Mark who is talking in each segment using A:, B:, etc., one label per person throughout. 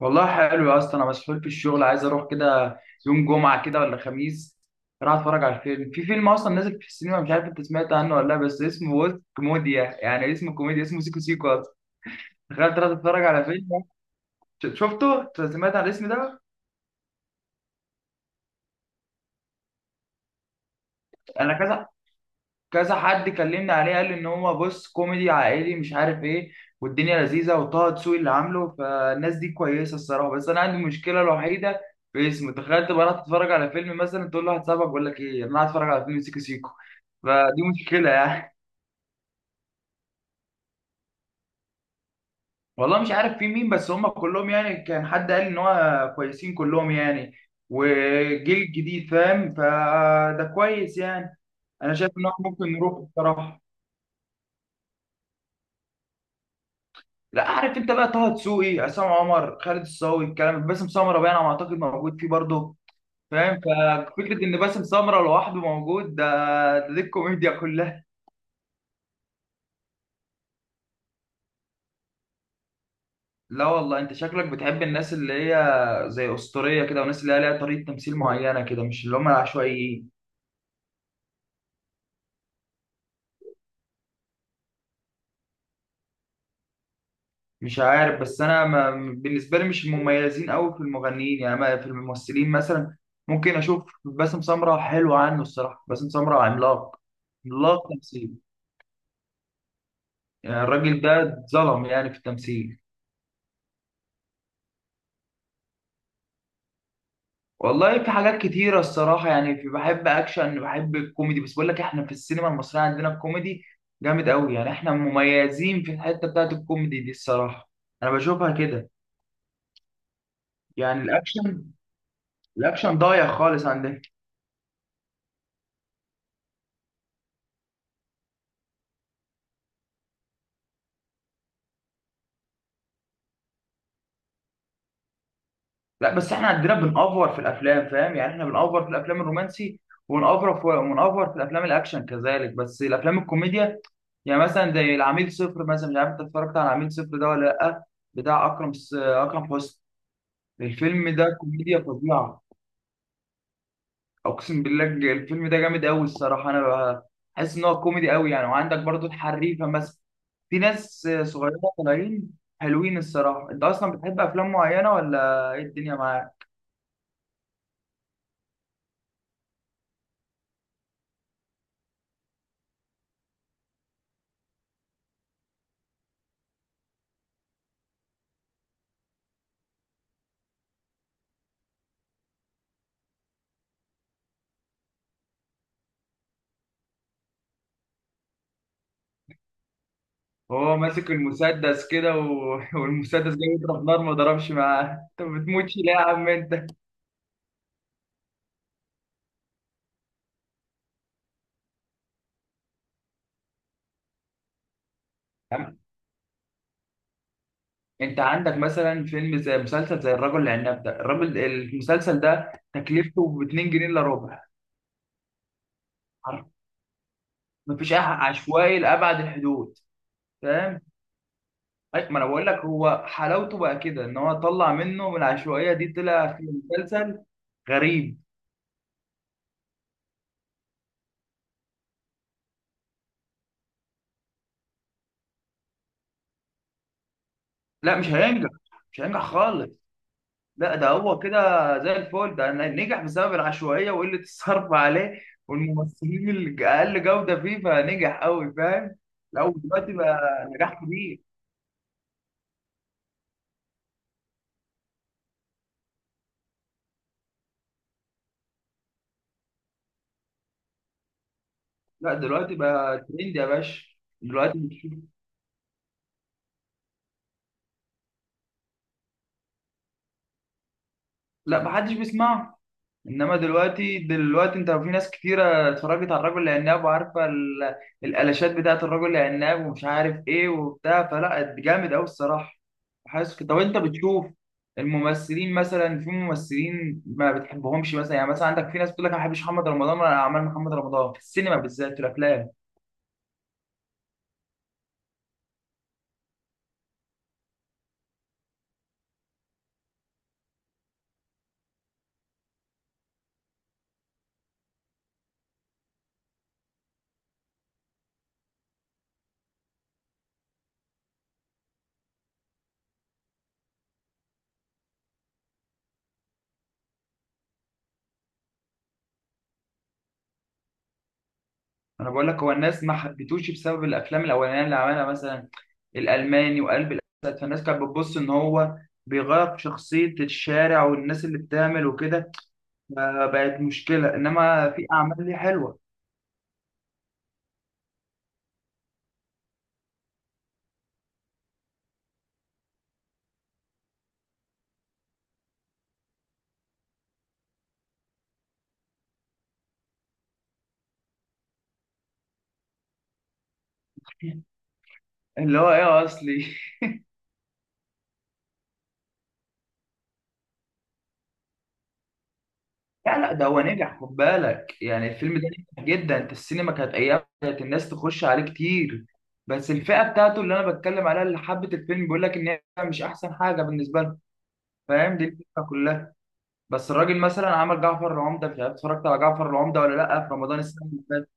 A: والله حلو يا اسطى، انا مسحول في الشغل، عايز اروح كده يوم جمعه كده ولا خميس. اروح اتفرج على الفيلم. في فيلم اصلا نازل في السينما مش عارف انت سمعت عنه ولا لا، بس اسمه وسط كوميديا، يعني اسمه كوميديا، اسمه سيكو سيكو اصلا. تخيل تروح تتفرج على فيلم شفته؟ سمعت عن الاسم ده؟ انا كذا حد كلمني عليه، قال لي ان هو بص كوميدي عائلي مش عارف ايه، والدنيا لذيذه، وطه دسوقي اللي عامله، فالناس دي كويسه الصراحه. بس انا عندي مشكله الوحيده في اسمه. تخيل تبقى رايح تتفرج على فيلم مثلا، تقول له واحد صاحبك بقول لك ايه، انا هتفرج على فيلم سيكو سيكو. فدي مشكله يعني. والله مش عارف في مين، بس هم كلهم يعني كان حد قال ان هو كويسين كلهم يعني، وجيل جديد فاهم، فده كويس يعني. انا شايف ان هو ممكن نروح الصراحه. لا، عارف انت بقى طه دسوقي، عصام عمر، خالد الصاوي، الكلام، باسم سمره بقى انا اعتقد موجود فيه برضه. فاهم؟ ففكره ان باسم سمره لوحده موجود ده، دي الكوميديا كلها. لا والله انت شكلك بتحب الناس اللي هي زي اسطوريه كده، والناس اللي هي ليها طريقه تمثيل معينه كده، مش اللي هم العشوائيين. مش عارف، بس انا ما بالنسبه لي مش المميزين قوي في المغنيين، يعني في الممثلين مثلا ممكن اشوف باسم سمره حلو عنه الصراحه. باسم سمره عملاق، عملاق تمثيل. يعني الراجل ده اتظلم يعني في التمثيل. والله في حاجات كتيرة الصراحة، يعني في بحب أكشن، بحب الكوميدي، بس بقول لك إحنا في السينما المصرية عندنا الكوميدي جامد أوي، يعني إحنا مميزين في الحتة بتاعت الكوميدي دي الصراحة. أنا بشوفها كده. يعني الأكشن، الأكشن ضايع خالص عندنا. لا بس احنا عندنا بنأفور في الافلام، فاهم؟ يعني احنا بنأفور في الافلام الرومانسي، ونأفور في الافلام الاكشن كذلك، بس الافلام الكوميديا يعني مثلا زي العميل صفر مثلا. مش عارف انت اتفرجت على العميل صفر ده ولا لا، بتاع اكرم حسني. الفيلم ده كوميديا فظيعه. اقسم بالله، الفيلم ده جامد قوي الصراحه. حاسس ان هو كوميدي قوي يعني. وعندك برضو الحريفه مثلا. في ناس صغيره طالعين حلوين الصراحه. انت اصلا بتحب افلام معينه ولا ايه الدنيا معاك؟ هو ماسك المسدس كده و... والمسدس جاي يضرب نار، ما ضربش معاه. انت ما بتموتش ليه يا عم انت؟ عم- انت عندك مثلا فيلم زي مسلسل زي الرجل العناب ده، الراجل المسلسل ده تكلفته ب 2 جنيه الا ربع. عارف؟ مفيش عشوائي لابعد الحدود، فاهم؟ ما انا بقول لك هو حلاوته بقى كده، ان هو طلع منه من العشوائيه دي، طلع في مسلسل غريب. لا مش هينجح، مش هينجح خالص. لا ده هو كده زي الفل، ده نجح بسبب العشوائية وقلة الصرف عليه، والممثلين اللي أقل جودة فيه، فنجح أوي. فاهم؟ لا، ودلوقتي بقى نجاح كبير. لا، دلوقتي بقى ترند يا باشا. دلوقتي مش، لا محدش بيسمعه. انما دلوقتي انت في ناس كتيره اتفرجت على الرجل العناب وعارفه الالاشات بتاعت الرجل العناب ومش عارف ايه وبتاع، فلا جامد قوي الصراحه. حاسس كده. طب انت بتشوف الممثلين مثلا؟ في ممثلين ما بتحبهمش مثلا؟ يعني مثلا عندك في ناس بتقول لك انا ما بحبش محمد رمضان ولا اعمال محمد رمضان في السينما، بالذات في الافلام. انا بقول لك هو الناس ما حبيتوش بسبب الافلام الاولانيه اللي عملها، مثلا الالماني وقلب الاسد، فالناس كانت بتبص ان هو بيغير في شخصيه الشارع والناس اللي بتعمل وكده. فبقت مشكلة، إنما في أعمال ليه حلوة. اللي هو إيه أصلي. لا لا، ده هو نجح خد بالك، يعني الفيلم ده نجح جدا. أنت السينما كانت أيام كانت الناس تخش عليه كتير، بس الفئة بتاعته اللي أنا بتكلم عليها اللي حبت الفيلم، بيقول لك إن هي مش أحسن حاجة بالنسبة لهم. فاهم؟ دي الفكرة كلها. بس الراجل مثلا عمل جعفر العمدة، مش عارف اتفرجت على جعفر العمدة ولا لأ في رمضان السنة اللي فاتت.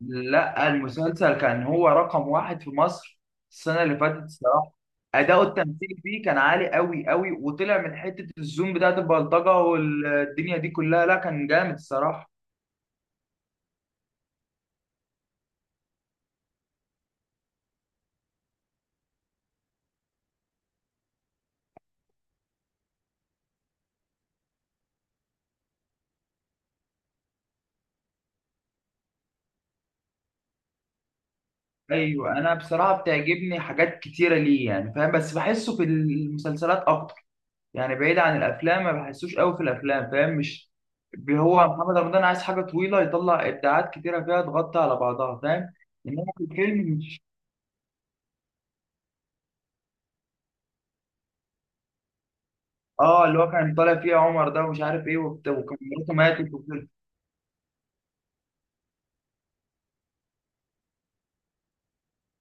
A: لا المسلسل كان هو رقم واحد في مصر السنة اللي فاتت الصراحة. أداؤه التمثيلي فيه كان عالي قوي قوي، وطلع من حتة الزوم بتاعت البلطجة والدنيا دي كلها، لا كان جامد الصراحة. أيوة، أنا بصراحة بتعجبني حاجات كتيرة ليه يعني، فاهم؟ بس بحسه في المسلسلات أكتر، يعني بعيد عن الأفلام ما بحسوش قوي في الأفلام، فاهم؟ مش هو محمد رمضان عايز حاجة طويلة يطلع إبداعات كتيرة فيها تغطي على بعضها، فاهم؟ إنما في الفيلم. اه اللي هو كان طالع فيه عمر ده، ومش عارف ايه وكان مراته ماتت وكده.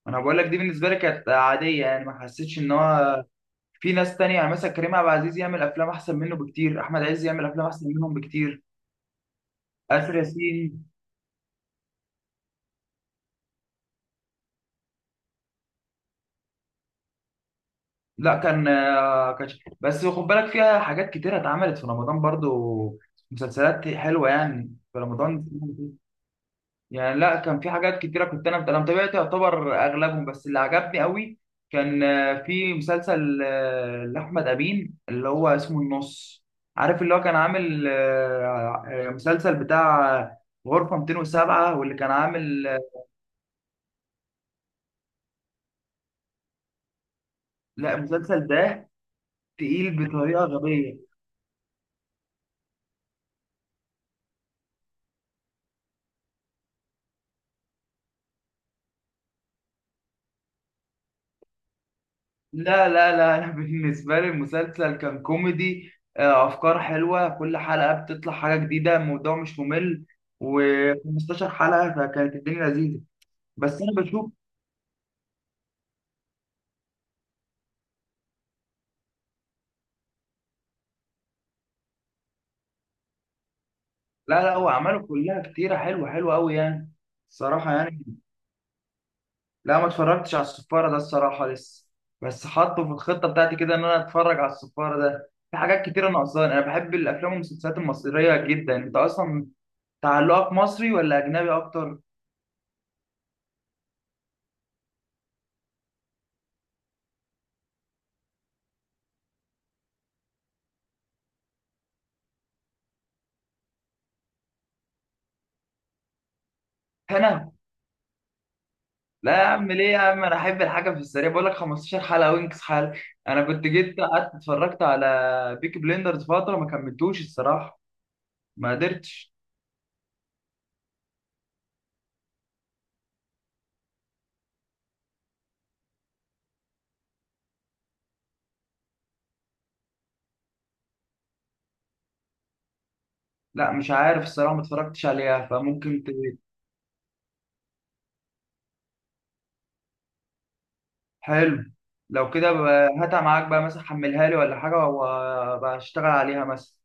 A: انا بقول لك دي بالنسبه لي كانت عاديه، يعني ما حسيتش ان هو. في ناس تانية يعني مثلا كريم عبد العزيز يعمل افلام احسن منه بكتير، احمد عز يعمل افلام احسن منهم بكتير، اسر ياسين. لا كان كان. بس خد بالك فيها حاجات كتيره اتعملت في رمضان برضو، مسلسلات حلوه يعني في رمضان. يعني لا، كان في حاجات كتيرة كنت أنا متابعت يعتبر أغلبهم، بس اللي عجبني قوي كان في مسلسل لأحمد أمين اللي هو اسمه النص. عارف اللي هو كان عامل مسلسل بتاع غرفة 207، واللي كان عامل لا المسلسل ده تقيل بطريقة غبية. لا لا لا أنا بالنسبة لي المسلسل كان كوميدي، أفكار حلوة، كل حلقة بتطلع حاجة جديدة، الموضوع مش ممل، و15 حلقة، فكانت الدنيا لذيذة. بس انا بشوف، لا لا هو اعماله كلها كتيره، حلوه حلوه قوي يعني. الصراحه يعني لا، ما اتفرجتش على السفاره ده الصراحه لسه، بس حاطه في الخطه بتاعتي كده ان انا اتفرج على السفاره ده. في حاجات كتيره ناقصاني. انا بحب الافلام والمسلسلات المصريه جدا. انت اصلا تعلقك مصري ولا اجنبي اكتر؟ هنا. لا يا عم، ليه يا عم، انا احب الحاجه في السريع، بقول لك 15 حلقه وينكس حلقه. انا كنت جيت قعدت اتفرجت على بيكي بليندرز فتره ما كملتوش الصراحه، ما قدرتش. لا مش عارف الصراحة ما اتفرجتش عليها، فممكن ت... حلو. لو كده هاتها معاك بقى مثلا، حملها لي ولا حاجة وبشتغل عليها مثلا.